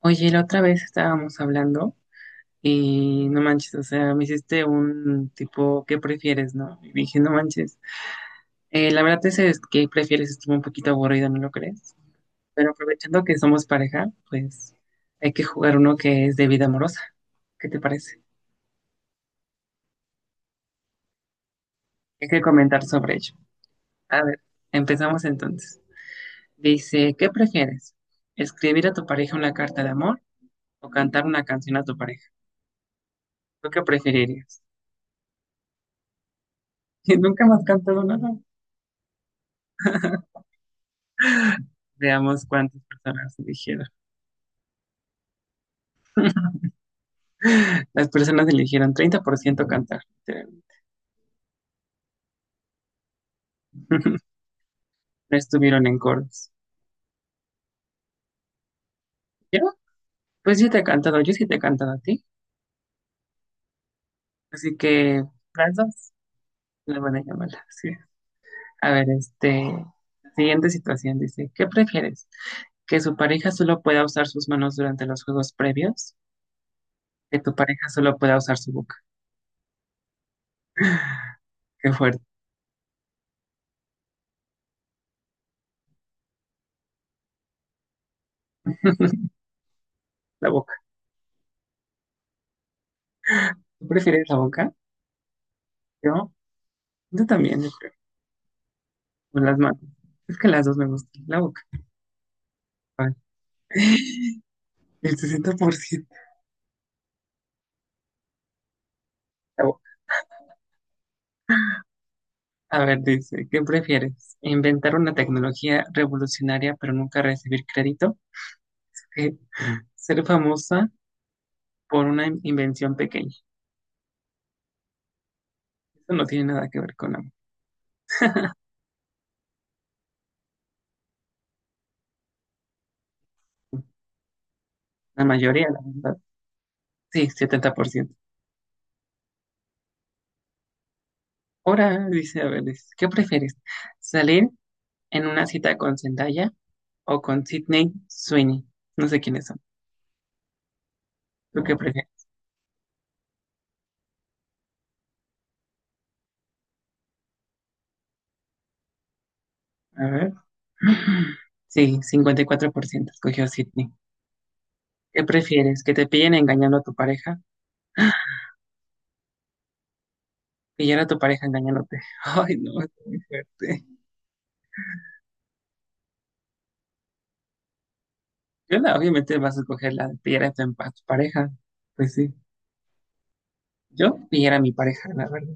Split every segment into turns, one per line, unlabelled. Oye, la otra vez estábamos hablando y no manches, o sea, me hiciste un tipo, ¿qué prefieres, no? Y dije, no manches. La verdad ese es que prefieres estuvo un poquito aburrido, ¿no lo crees? Pero aprovechando que somos pareja, pues hay que jugar uno que es de vida amorosa. ¿Qué te parece? Hay que comentar sobre ello. A ver, empezamos entonces. Dice, ¿qué prefieres? ¿Escribir a tu pareja una carta de amor o cantar una canción a tu pareja? ¿Tú qué preferirías? Nunca más cantado nada. Veamos cuántas personas eligieron. Las personas eligieron 30% cantar. No estuvieron en coros. ¿Yo? Pues yo te he cantado, yo sí te he cantado a ti. Así que las dos, la buena y la mala. Sí. A ver, este, siguiente situación dice, ¿qué prefieres? ¿Que su pareja solo pueda usar sus manos durante los juegos previos? ¿Que tu pareja solo pueda usar su boca? Qué fuerte, la boca. ¿Tú prefieres la boca? Yo, yo también, yo creo. O las manos. Es que las dos me gustan, la boca. Ay. El 60%. A ver, dice, ¿qué prefieres? ¿Inventar una tecnología revolucionaria pero nunca recibir crédito? Eh, ¿Ser famosa por una invención pequeña? Eso no tiene nada que ver con la, la mayoría, la verdad. Sí, 70%. Ahora dice, a ver, dice, ¿qué prefieres? ¿Salir en una cita con Zendaya o con Sydney Sweeney? No sé quiénes son. ¿Tú qué prefieres? A ver. Sí, 54% escogió Sydney. ¿Qué prefieres? ¿Que te pillen engañando a tu pareja? Pillar a tu pareja engañándote. Ay, no, es muy fuerte. Yo la, obviamente vas a escoger la de pillar a tu pareja. Pues sí. Yo pillar a mi pareja, la verdad.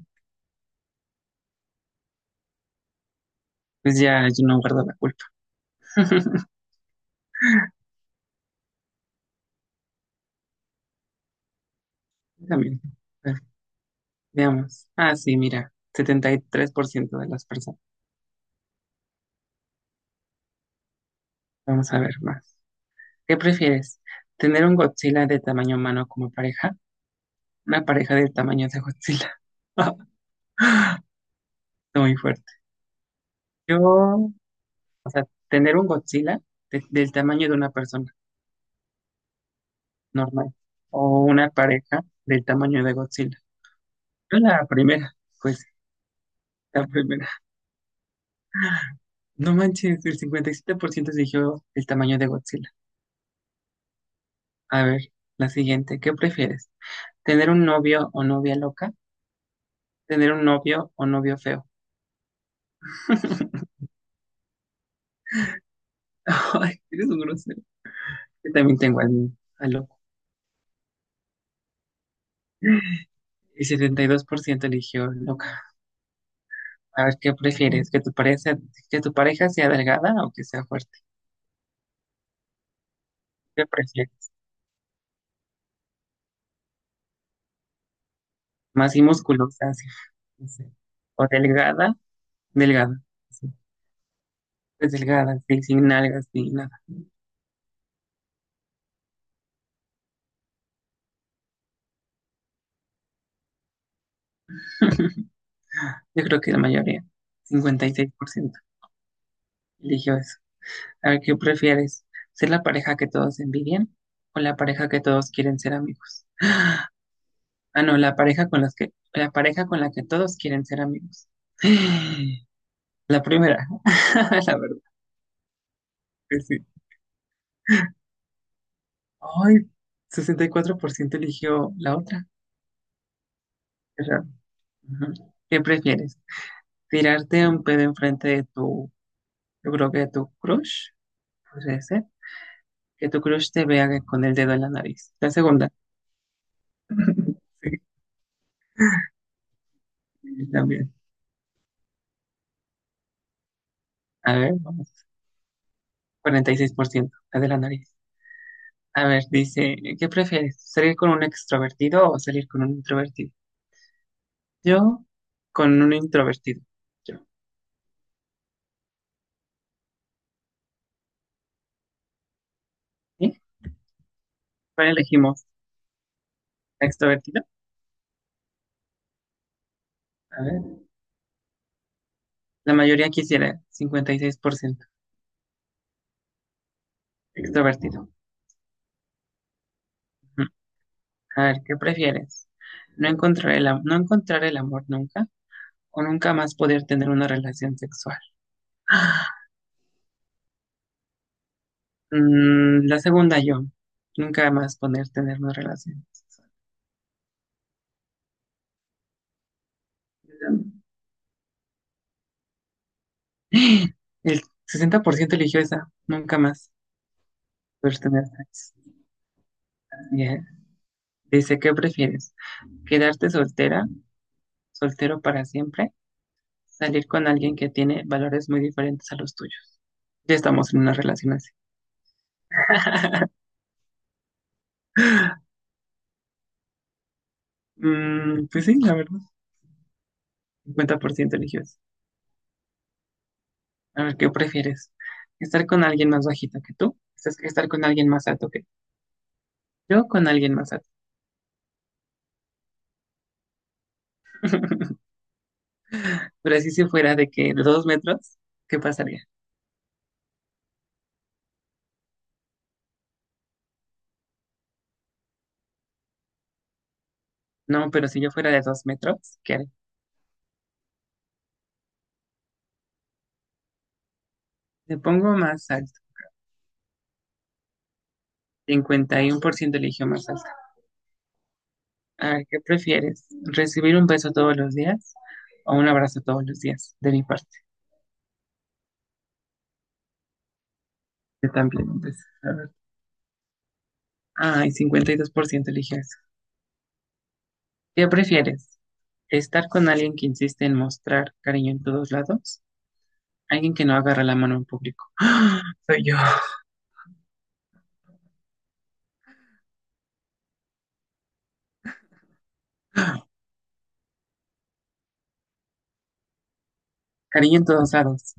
Pues ya yo no guardo la culpa. También. Bueno, veamos. Ah, sí, mira, 73% de las personas. Vamos a ver más. ¿Qué prefieres? ¿Tener un Godzilla de tamaño humano como pareja? Una pareja del tamaño de Godzilla. Está muy fuerte. Yo, o sea, tener un Godzilla del tamaño de una persona normal o una pareja del tamaño de Godzilla. Yo la primera, pues la primera. No manches, el 57% eligió el tamaño de Godzilla. A ver, la siguiente, ¿qué prefieres? ¿Tener un novio o novia loca? ¿Tener un novio o novio feo? Ay, eres un grosero. Yo también tengo al mío, al loco. El 72% eligió loca. A ver, ¿qué prefieres? Que tu pareja sea delgada o que sea fuerte? ¿Qué prefieres? Más y musculosa, sí. No sé. O delgada. Delgada. Sí. Pues delgada, sí, sin nalgas ni nada. Yo creo que la mayoría, 56% eligió eso. A ver, ¿qué prefieres? ¿Ser la pareja que todos envidian o la pareja que todos quieren ser amigos? Ah, no, la pareja con las que, la pareja con la que todos quieren ser amigos. La primera, la verdad que sí. Ay, 64% eligió la otra. Qué raro. Ujú. ¿Qué prefieres? ¿Tirarte un pedo enfrente de tu, yo creo que de tu crush? Podría ser que tu crush te vea con el dedo en la nariz. La segunda. Sí, sí, también. A ver, vamos. 46%, la de la nariz. A ver, dice, ¿qué prefieres? ¿Salir con un extrovertido o salir con un introvertido? Yo, con un introvertido. Yo. ¿Sí? ¿Cuál elegimos? ¿La ¿Extrovertido? A ver, la mayoría quisiera, 56%, extrovertido. Ujú. A ver, ¿qué prefieres? ¿No encontrar el, no encontrar el amor nunca o nunca más poder tener una relación sexual? Mm, la segunda yo. Nunca más poner tener una relación. El 60% eligió esa. Nunca más poder tener sexo. Bien. Dice, ¿qué prefieres? ¿Quedarte soltera, soltero para siempre? ¿Salir con alguien que tiene valores muy diferentes a los tuyos? Ya estamos en una relación así. Mm, pues sí, la verdad. 50% eligió eso. A ver, ¿qué prefieres? ¿Estar con alguien más bajito que tú? ¿Estar con alguien más alto que tú? Yo con alguien más alto. Pero así si fuera de que de 2 metros, ¿qué pasaría? No, pero si yo fuera de 2 metros, ¿qué haré? Me pongo más alto. 51% eligió más alto. A ver, ¿qué prefieres? ¿Recibir un beso todos los días o un abrazo todos los días? De mi parte. Yo también un beso. A ver. Ay, 52% eligió eso. ¿Qué prefieres? ¿Estar con alguien que insiste en mostrar cariño en todos lados? Alguien que no agarra la mano en público. Soy yo. Cariño en todos lados.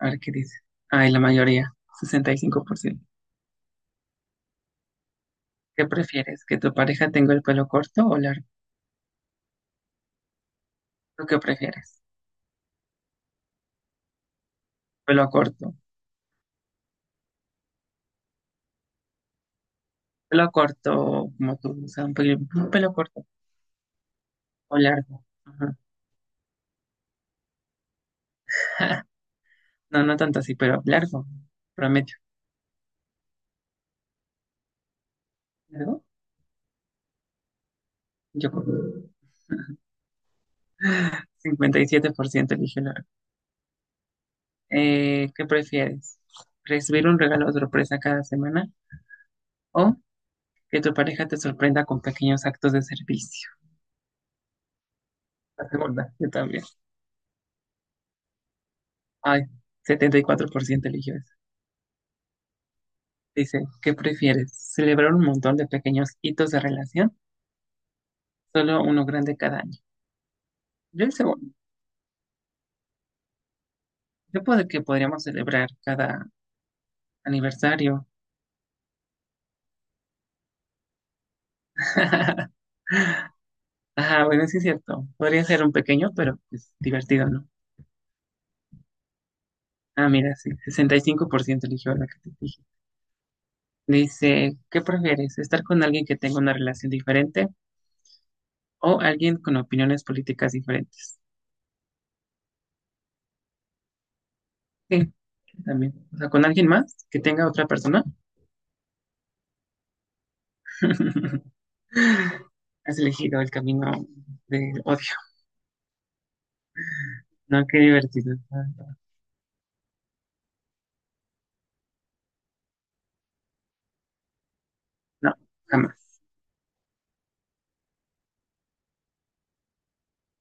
A ver qué dice. Ay, la mayoría, 65%. ¿Qué prefieres? ¿Que tu pareja tenga el pelo corto o largo? ¿Lo que prefieres? Pelo corto. Pelo corto, como tú, o sea, un pelo corto o largo. Ajá. No, no tanto así, pero largo. Promedio. ¿Largo? Yo creo. 57% eligió largo. ¿Qué prefieres? ¿Recibir un regalo sorpresa cada semana o que tu pareja te sorprenda con pequeños actos de servicio? La segunda, yo también. Ay, 74% eligió. Dice, ¿qué prefieres? ¿Celebrar un montón de pequeños hitos de relación? Solo uno grande cada año. Yo el segundo. Yo puedo que podríamos celebrar cada aniversario. Ajá, bueno, sí es cierto. Podría ser un pequeño, pero es divertido, ¿no? Ah, mira, sí, 65% eligió la que te dije. Dice, ¿qué prefieres? ¿Estar con alguien que tenga una relación diferente o alguien con opiniones políticas diferentes? Sí, también. O sea, con alguien más que tenga otra persona. Has elegido el camino del odio. No, qué divertido. No, jamás.